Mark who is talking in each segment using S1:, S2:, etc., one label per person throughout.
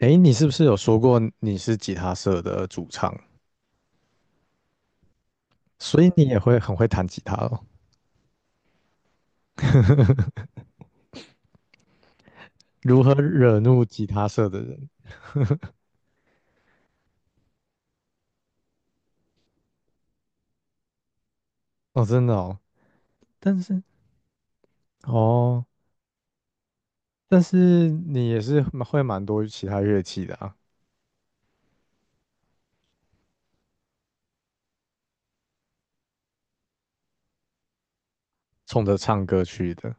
S1: 诶，你是不是有说过你是吉他社的主唱，所以你也会很会弹吉他哦？如何惹怒吉他社的人？哦，真的哦，但是哦，但是你也是蛮会蛮多其他乐器的啊，冲着唱歌去的，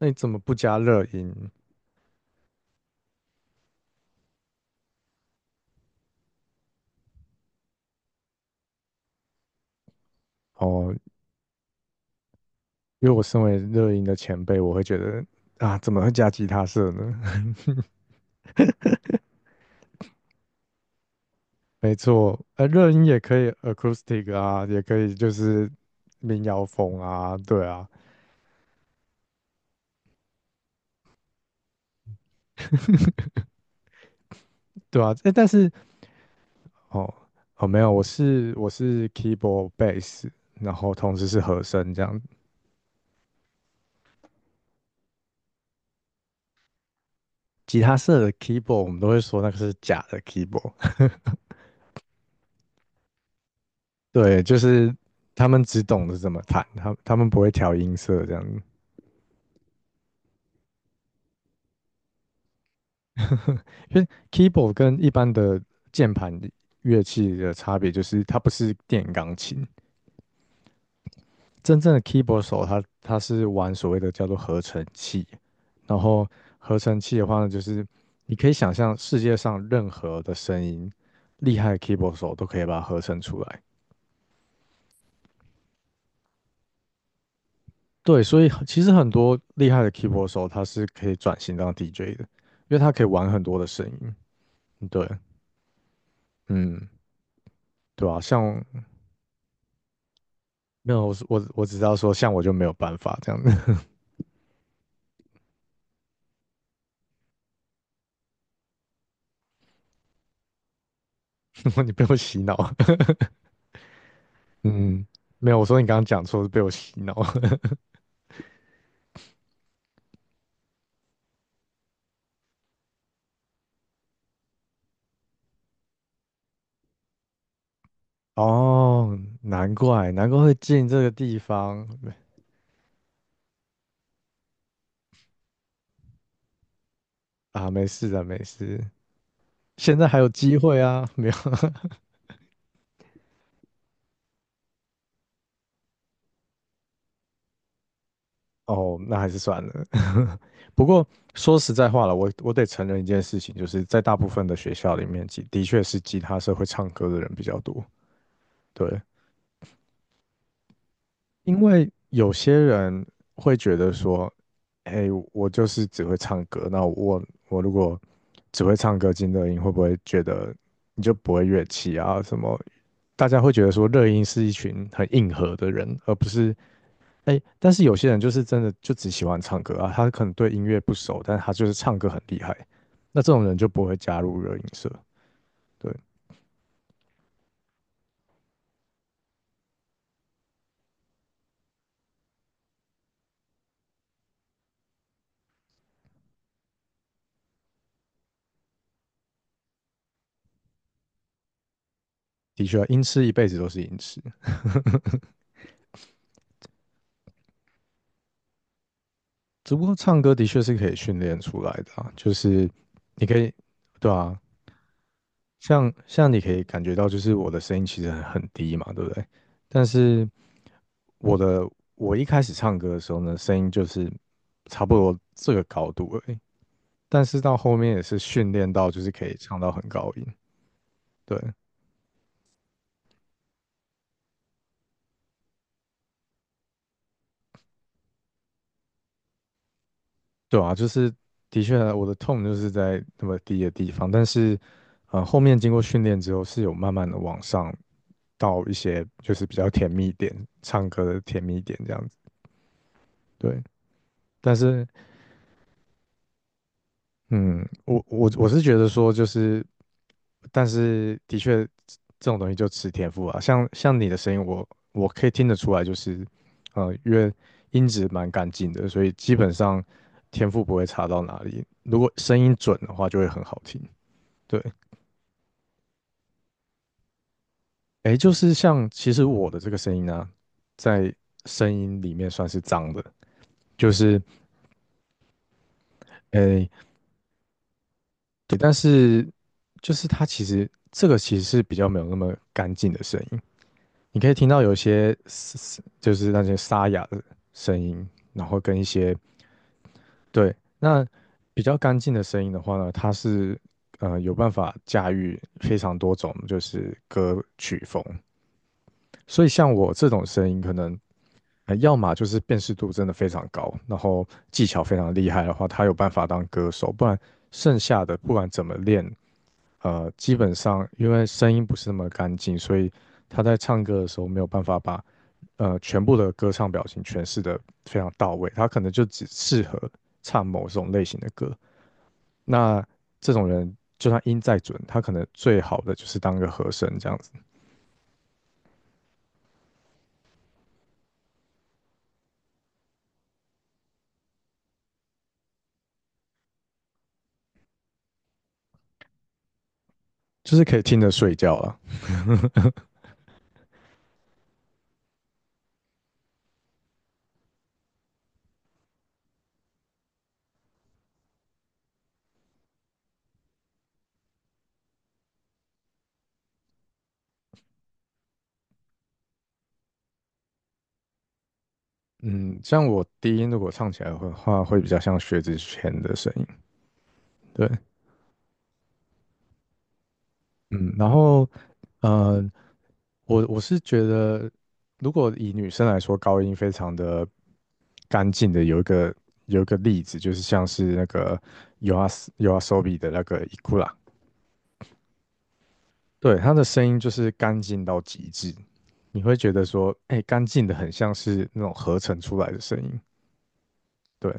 S1: 那你怎么不加热音？哦，因为我身为热音的前辈，我会觉得啊，怎么会加吉他社呢？没错，热音也可以 acoustic 啊，也可以就是民谣风啊，对啊。对啊，诶但是哦哦，没有，我是 keyboard bass，然后同时是和声这样。吉他社的 keyboard 我们都会说那个是假的 keyboard。对，就是他们只懂得怎么弹，他们不会调音色这样子。因为 keyboard 跟一般的键盘乐器的差别就是它不是电钢琴，真正的 keyboard 手他是玩所谓的叫做合成器，然后合成器的话呢，就是你可以想象世界上任何的声音，厉害的 keyboard 手都可以把它合成出来。对，所以很其实很多厉害的 keyboard 手他是可以转型当 DJ 的，因为他可以玩很多的声音。对，嗯，对啊，像没有我是我我只知道说像我就没有办法这样子。你被我洗脑，嗯，没有，我说你刚刚讲错是被我洗脑。哦，难怪，难怪会进这个地方。啊！没事的，没事，现在还有机会啊，没有。 哦，那还是算了。不过说实在话了，我得承认一件事情，就是在大部分的学校里面，的确是吉他社会唱歌的人比较多。对，因为有些人会觉得说，哎，我就是只会唱歌，那我如果只会唱歌进乐音，会不会觉得你就不会乐器啊？什么大家会觉得说乐音是一群很硬核的人，而不是哎，但是有些人就是真的就只喜欢唱歌啊，他可能对音乐不熟，但他就是唱歌很厉害，那这种人就不会加入热音社。对，的确啊，音痴一辈子都是音痴，只不过唱歌的确是可以训练出来的啊，就是你可以，对啊，像你可以感觉到，就是我的声音其实很低嘛，对不对？但是我的我一开始唱歌的时候呢，声音就是差不多这个高度而已。但是到后面也是训练到，就是可以唱到很高音。对，对啊，就是的确啊我的痛就是在那么低的地方，但是后面经过训练之后是有慢慢的往上到一些就是比较甜蜜点，唱歌的甜蜜点这样子。对，但是嗯，我是觉得说就是但是的确，这种东西就吃天赋啊。像你的声音，我可以听得出来，就是因为音质蛮干净的，所以基本上天赋不会差到哪里。如果声音准的话，就会很好听。对，诶，就是像其实我的这个声音呢、在声音里面算是脏的，就是诶，对，但是就是它其实这个其实是比较没有那么干净的声音。你可以听到有一些嘶嘶就是那些沙哑的声音，然后跟一些对那比较干净的声音的话呢，它是有办法驾驭非常多种就是歌曲风，所以像我这种声音，可能要么就是辨识度真的非常高，然后技巧非常厉害的话，他有办法当歌手，不然剩下的不管怎么练。基本上因为声音不是那么干净，所以他在唱歌的时候没有办法把全部的歌唱表情诠释的非常到位，他可能就只适合唱某种类型的歌。那这种人就算音再准，他可能最好的就是当个和声这样子，就是可以听着睡觉了。嗯，像我低音如果唱起来的话，会比较像薛之谦的声音。对，嗯，然后。呃，我我是觉得，如果以女生来说，高音非常的干净的，有一个例子，就是像是那个 y o a s y o a s o b i 的那个伊库拉，对，她的声音就是干净到极致，你会觉得说，哎、干净的很像是那种合成出来的声音，对，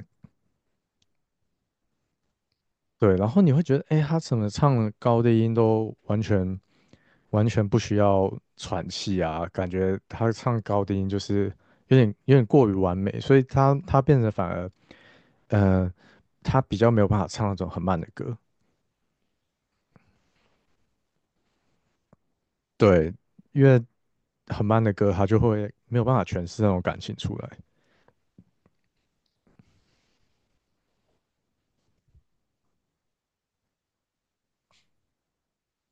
S1: 对，然后你会觉得，哎，他怎么唱的高低音都完全不需要喘气啊？感觉他唱高低音就是有点过于完美，所以他变得反而，呃，他比较没有办法唱那种很慢的歌。对，因为很慢的歌，他就会没有办法诠释那种感情出来。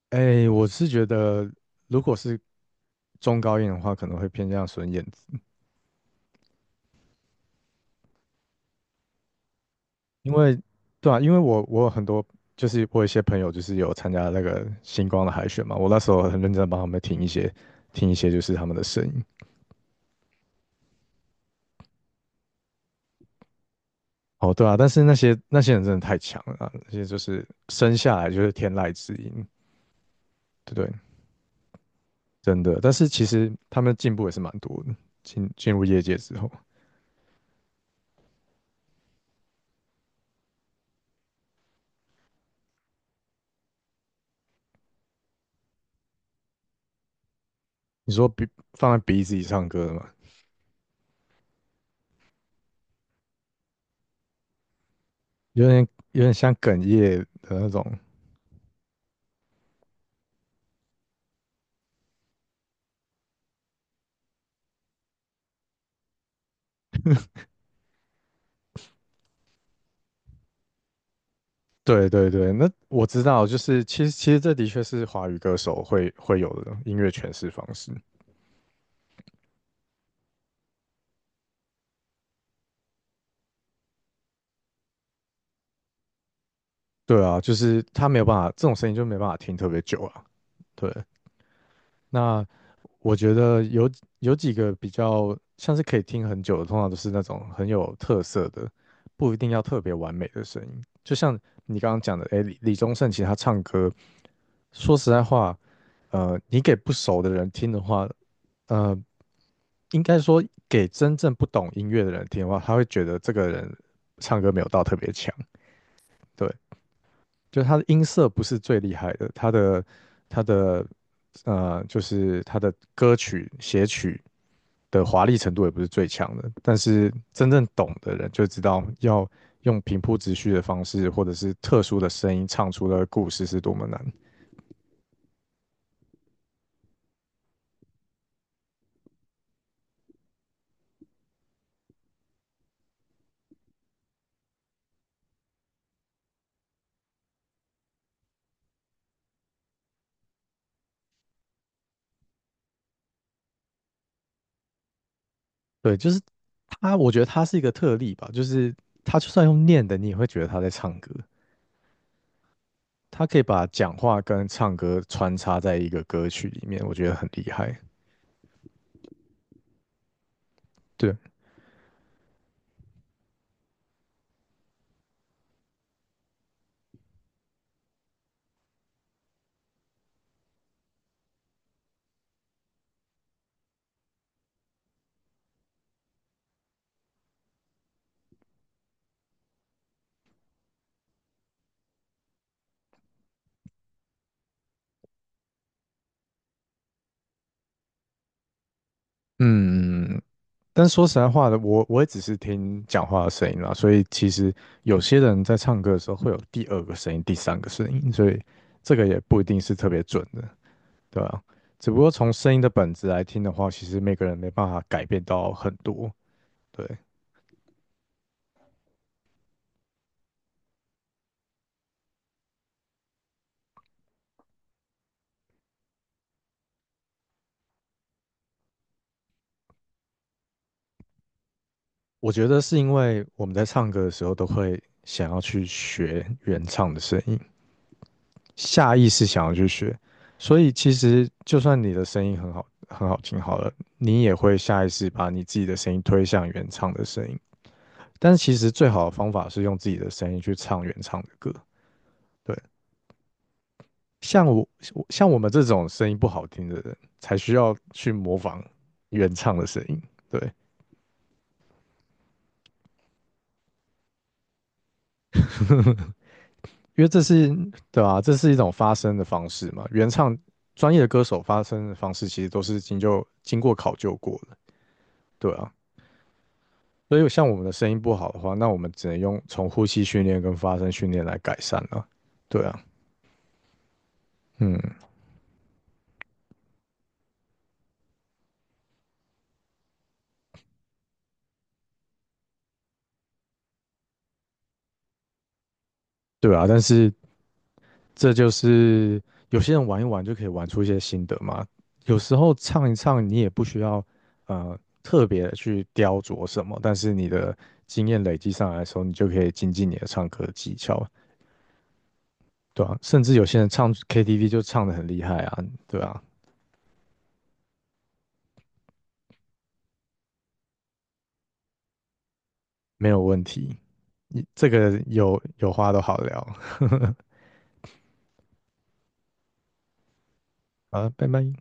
S1: 哎，我是觉得，如果是中高音的话，可能会偏向孙燕因为对啊，因为我有很多就是我有一些朋友就是有参加那个星光的海选嘛，我那时候很认真地帮他们听一些就是他们的声音。哦，对啊，但是那些人真的太强了啊，那些就是生下来就是天籁之音，对不对？真的，但是其实他们进步也是蛮多的。进入业界之后，你说鼻放在鼻子里唱歌的嘛，有点有点像哽咽的那种对对对，那我知道，就是其实这的确是华语歌手会有的音乐诠释方式。对啊，就是他没有办法，这种声音就没办法听特别久啊。对，那我觉得有几个比较像是可以听很久的，通常都是那种很有特色的，不一定要特别完美的声音。就像你刚刚讲的，诶，李宗盛其实他唱歌，说实在话，你给不熟的人听的话，呃，应该说给真正不懂音乐的人听的话，他会觉得这个人唱歌没有到特别强，对，就他的音色不是最厉害的，他的就是他的歌曲写曲的华丽程度也不是最强的，但是真正懂的人就知道要用平铺直叙的方式，或者是特殊的声音唱出的故事是多么难。对，就是他，我觉得他是一个特例吧，就是他就算用念的，你也会觉得他在唱歌。他可以把讲话跟唱歌穿插在一个歌曲里面，我觉得很厉害。对，嗯，但说实在话的，我也只是听讲话的声音啦，所以其实有些人在唱歌的时候会有第二个声音、第三个声音，所以这个也不一定是特别准的，对啊。只不过从声音的本质来听的话，其实每个人没办法改变到很多。对，我觉得是因为我们在唱歌的时候都会想要去学原唱的声音。下意识想要去学，所以其实就算你的声音很好，很好听好了，你也会下意识把你自己的声音推向原唱的声音。但是其实最好的方法是用自己的声音去唱原唱的歌。对，像我我们这种声音不好听的人，才需要去模仿原唱的声音。对，因为这是对啊，这是一种发声的方式嘛。原唱专业的歌手发声的方式其实都是就经过考究过的。对啊。所以像我们的声音不好的话，那我们只能用从呼吸训练跟发声训练来改善了。对啊，嗯，对啊，但是这就是有些人玩一玩就可以玩出一些心得嘛。有时候唱一唱，你也不需要特别的去雕琢什么，但是你的经验累积上来的时候，你就可以精进你的唱歌技巧，对啊，甚至有些人唱 KTV 就唱的很厉害啊，对啊，没有问题。你这个有话都好聊，好，了，拜拜。